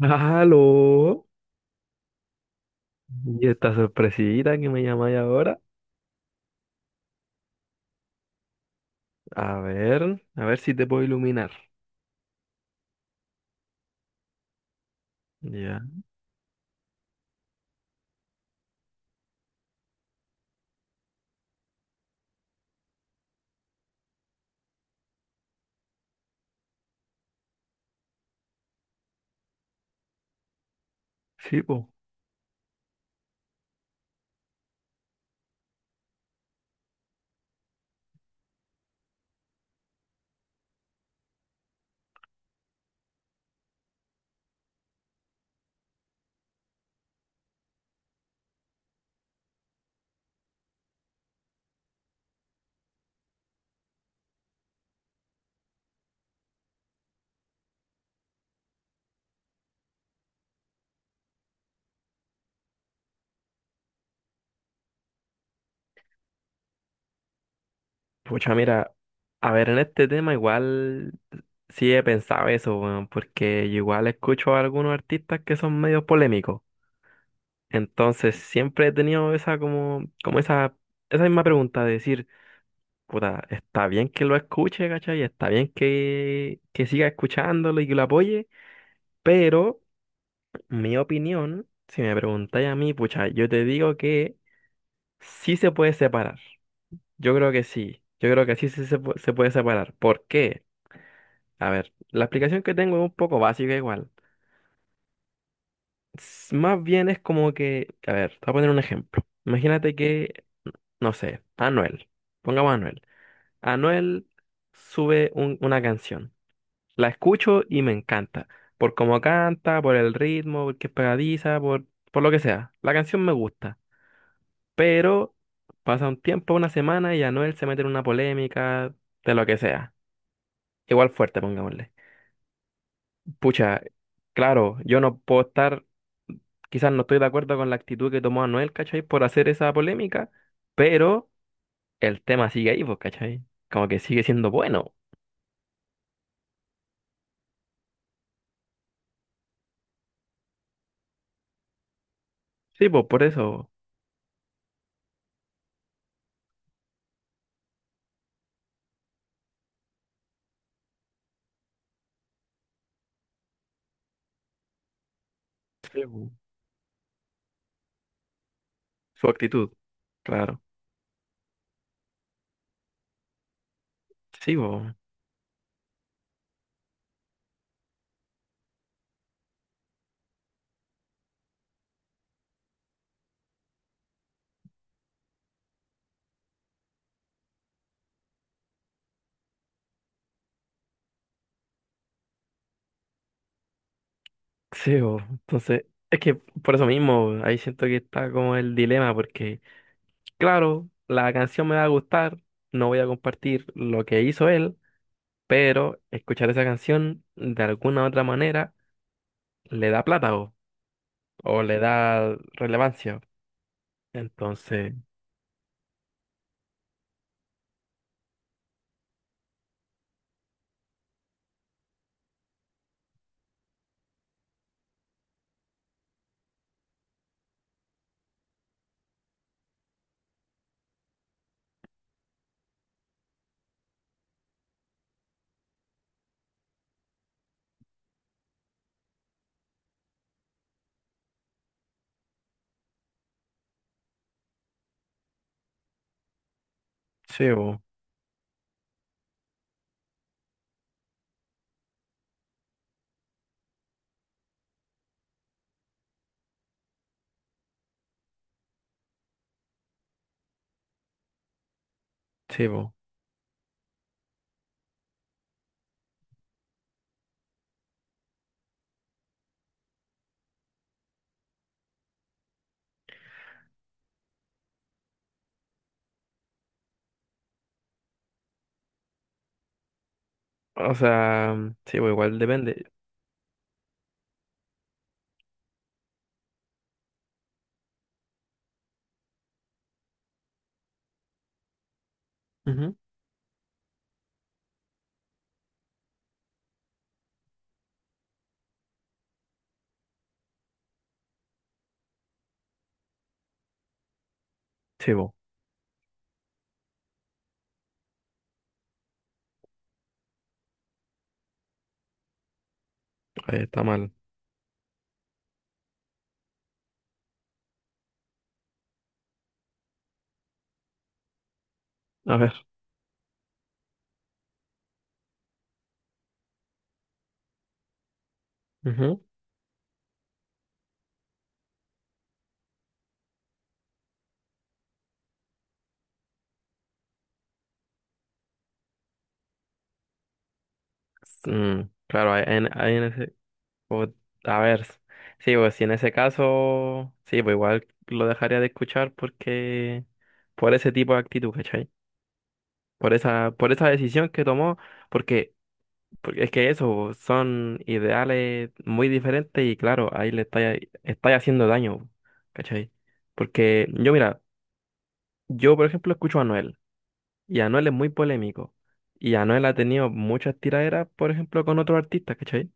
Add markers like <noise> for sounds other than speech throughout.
Aló, y esta sorpresita que me llamáis ahora. A ver si te puedo iluminar. Ya. Sí, po. Pucha, mira, a ver, en este tema igual sí he pensado eso, weón, porque yo igual escucho a algunos artistas que son medio polémicos. Entonces siempre he tenido esa como esa, esa misma pregunta de decir, puta, está bien que lo escuche, ¿cachai? Está bien que siga escuchándolo y que lo apoye, pero. Mi opinión, si me preguntáis a mí, pucha, yo te digo que sí se puede separar. Yo creo que sí. Yo creo que sí, se puede separar. ¿Por qué? A ver, la explicación que tengo es un poco básica igual. Más bien es como que, a ver, te voy a poner un ejemplo. Imagínate que, no sé, Anuel. Pongamos a Anuel. Anuel sube una canción. La escucho y me encanta. Por cómo canta, por el ritmo, porque es pegadiza, por lo que sea. La canción me gusta, pero pasa un tiempo, una semana, y ya Anuel se mete en una polémica de lo que sea. Igual fuerte, pongámosle. Pucha, claro, yo no puedo estar, quizás no estoy de acuerdo con la actitud que tomó Anuel, ¿cachai? Por hacer esa polémica, pero el tema sigue ahí, pues, ¿cachai? Como que sigue siendo bueno. Sí, pues, por eso. Sí, po. Su actitud, claro. Sí, pues. Sí, po. Entonces, es que por eso mismo, ahí siento que está como el dilema, porque claro, la canción me va a gustar, no voy a compartir lo que hizo él, pero escuchar esa canción de alguna u otra manera le da plata bo, o le da relevancia. Entonces, sí, bo, sí, bo. O sea, sí, bo, igual depende. Ujú. Sí, bo, ahí está mal. A ver. Ujú. Mm, claro, ahí en ese... o- a ver, sí, pues si en ese caso, sí, pues igual lo dejaría de escuchar porque por ese tipo de actitud, ¿cachai? Por esa, por esa decisión que tomó, porque, porque es que eso son ideales muy diferentes y claro, ahí le está, está haciendo daño, ¿cachai? Porque yo, mira, yo por ejemplo escucho a Anuel y Anuel es muy polémico y Anuel ha tenido muchas tiraderas, por ejemplo, con otros artistas, ¿cachai?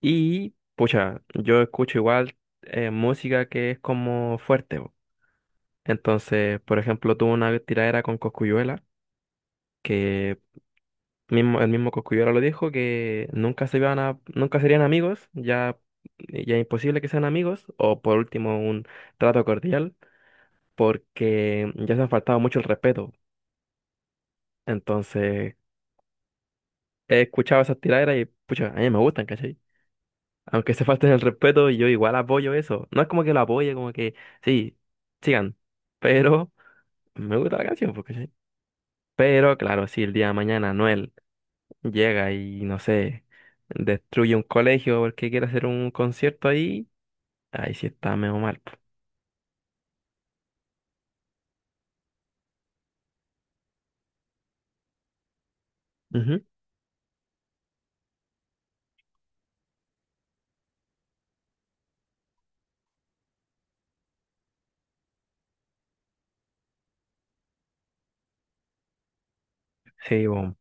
Y, pucha, yo escucho igual música que es como fuerte, po. Entonces, por ejemplo, tuvo una tiradera con Coscuyuela que mismo, el mismo Coscuyola lo dijo que nunca se iban a, nunca serían amigos, ya, ya es imposible que sean amigos, o por último un trato cordial, porque ya se han faltado mucho el respeto. Entonces, he escuchado esas tiraderas y pucha, a mí me gustan, ¿cachai? Aunque se falten el respeto, yo igual apoyo eso. No es como que lo apoye, como que sí, sigan. Pero me gusta la canción, pues, ¿cachai? Pero claro, si el día de mañana Anuel llega y no sé, destruye un colegio porque quiere hacer un concierto ahí, ahí sí está medio mal, po. Ujú. Sí, bo,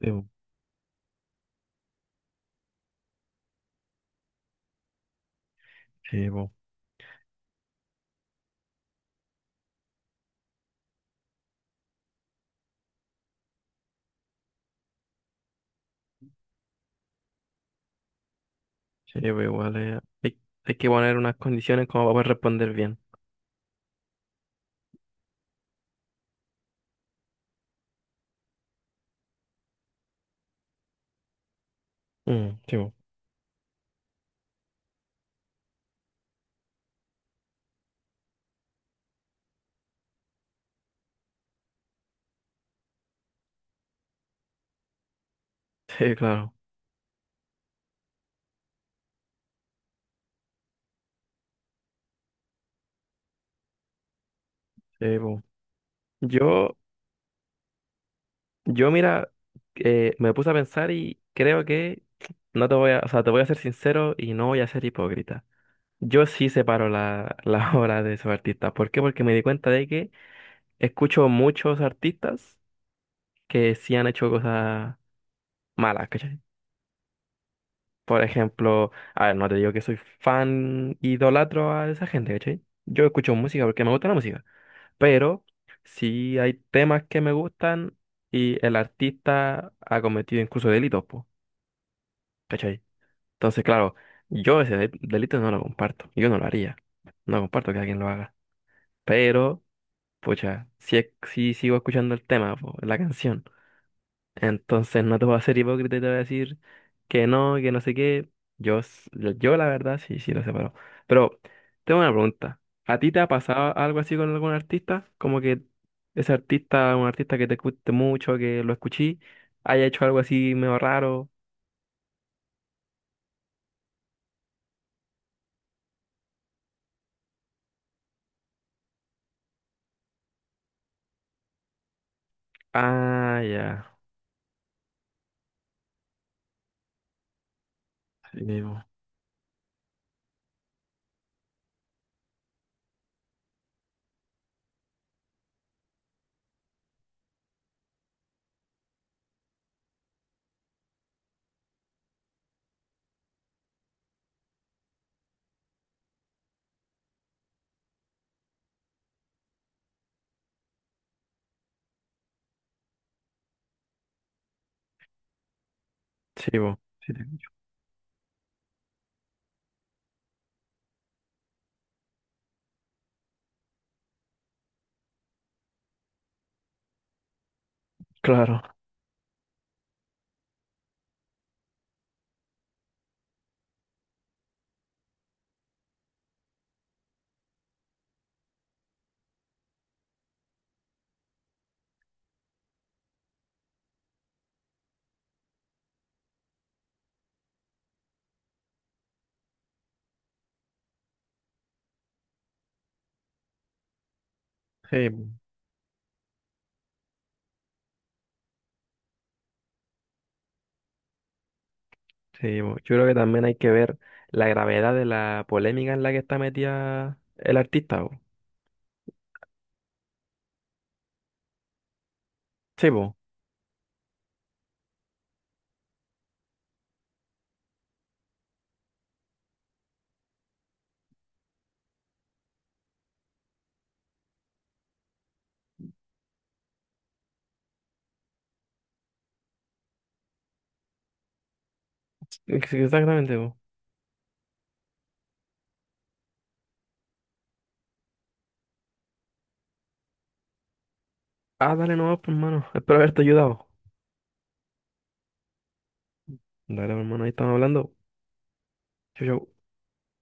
sí, bo, sí, bo, sí, bo, igual hay que poner unas condiciones como para poder responder bien. Mm, sí, bo. Sí, claro, sí, bo. Yo, yo mira, me puse a pensar y creo que no te voy a, o sea, te voy a ser sincero y no voy a ser hipócrita. Yo sí separo la, la <laughs> obra de esos artistas. ¿Por qué? Porque me di cuenta de que escucho muchos artistas que sí han hecho cosas malas, ¿cachai? Por ejemplo, a ver, no te digo que soy fan idolatro a esa gente, ¿cachai? Yo escucho música porque me gusta la música, pero sí hay temas que me gustan y el artista ha cometido incluso delitos, po, ¿cachai? Entonces, claro, yo ese delito no lo comparto, yo no lo haría, no comparto que alguien lo haga, pero, pucha, sí, sí sigo escuchando el tema, po, la canción. Entonces no te voy a ser hipócrita y te voy a decir que no sé qué. Yo, s- yo la verdad, sí, sí lo separo. Pero tengo una pregunta. ¿A ti te ha pasado algo así con algún artista? Como que ese artista, un artista que te guste mucho, que lo escuché, haya hecho algo así medio raro. Ah, ya. Sí, bo. Sí, bo. Sí, te escucho. Claro, sí, bu, sí, bu. Yo creo que también hay que ver la gravedad de la polémica en la que está metida el artista, bu. Sí, bu. Exactamente. Ah, dale nomás, pues, hermano. Espero haberte ayudado. Dale, pues, hermano, ahí estamos hablando. Chau, chau.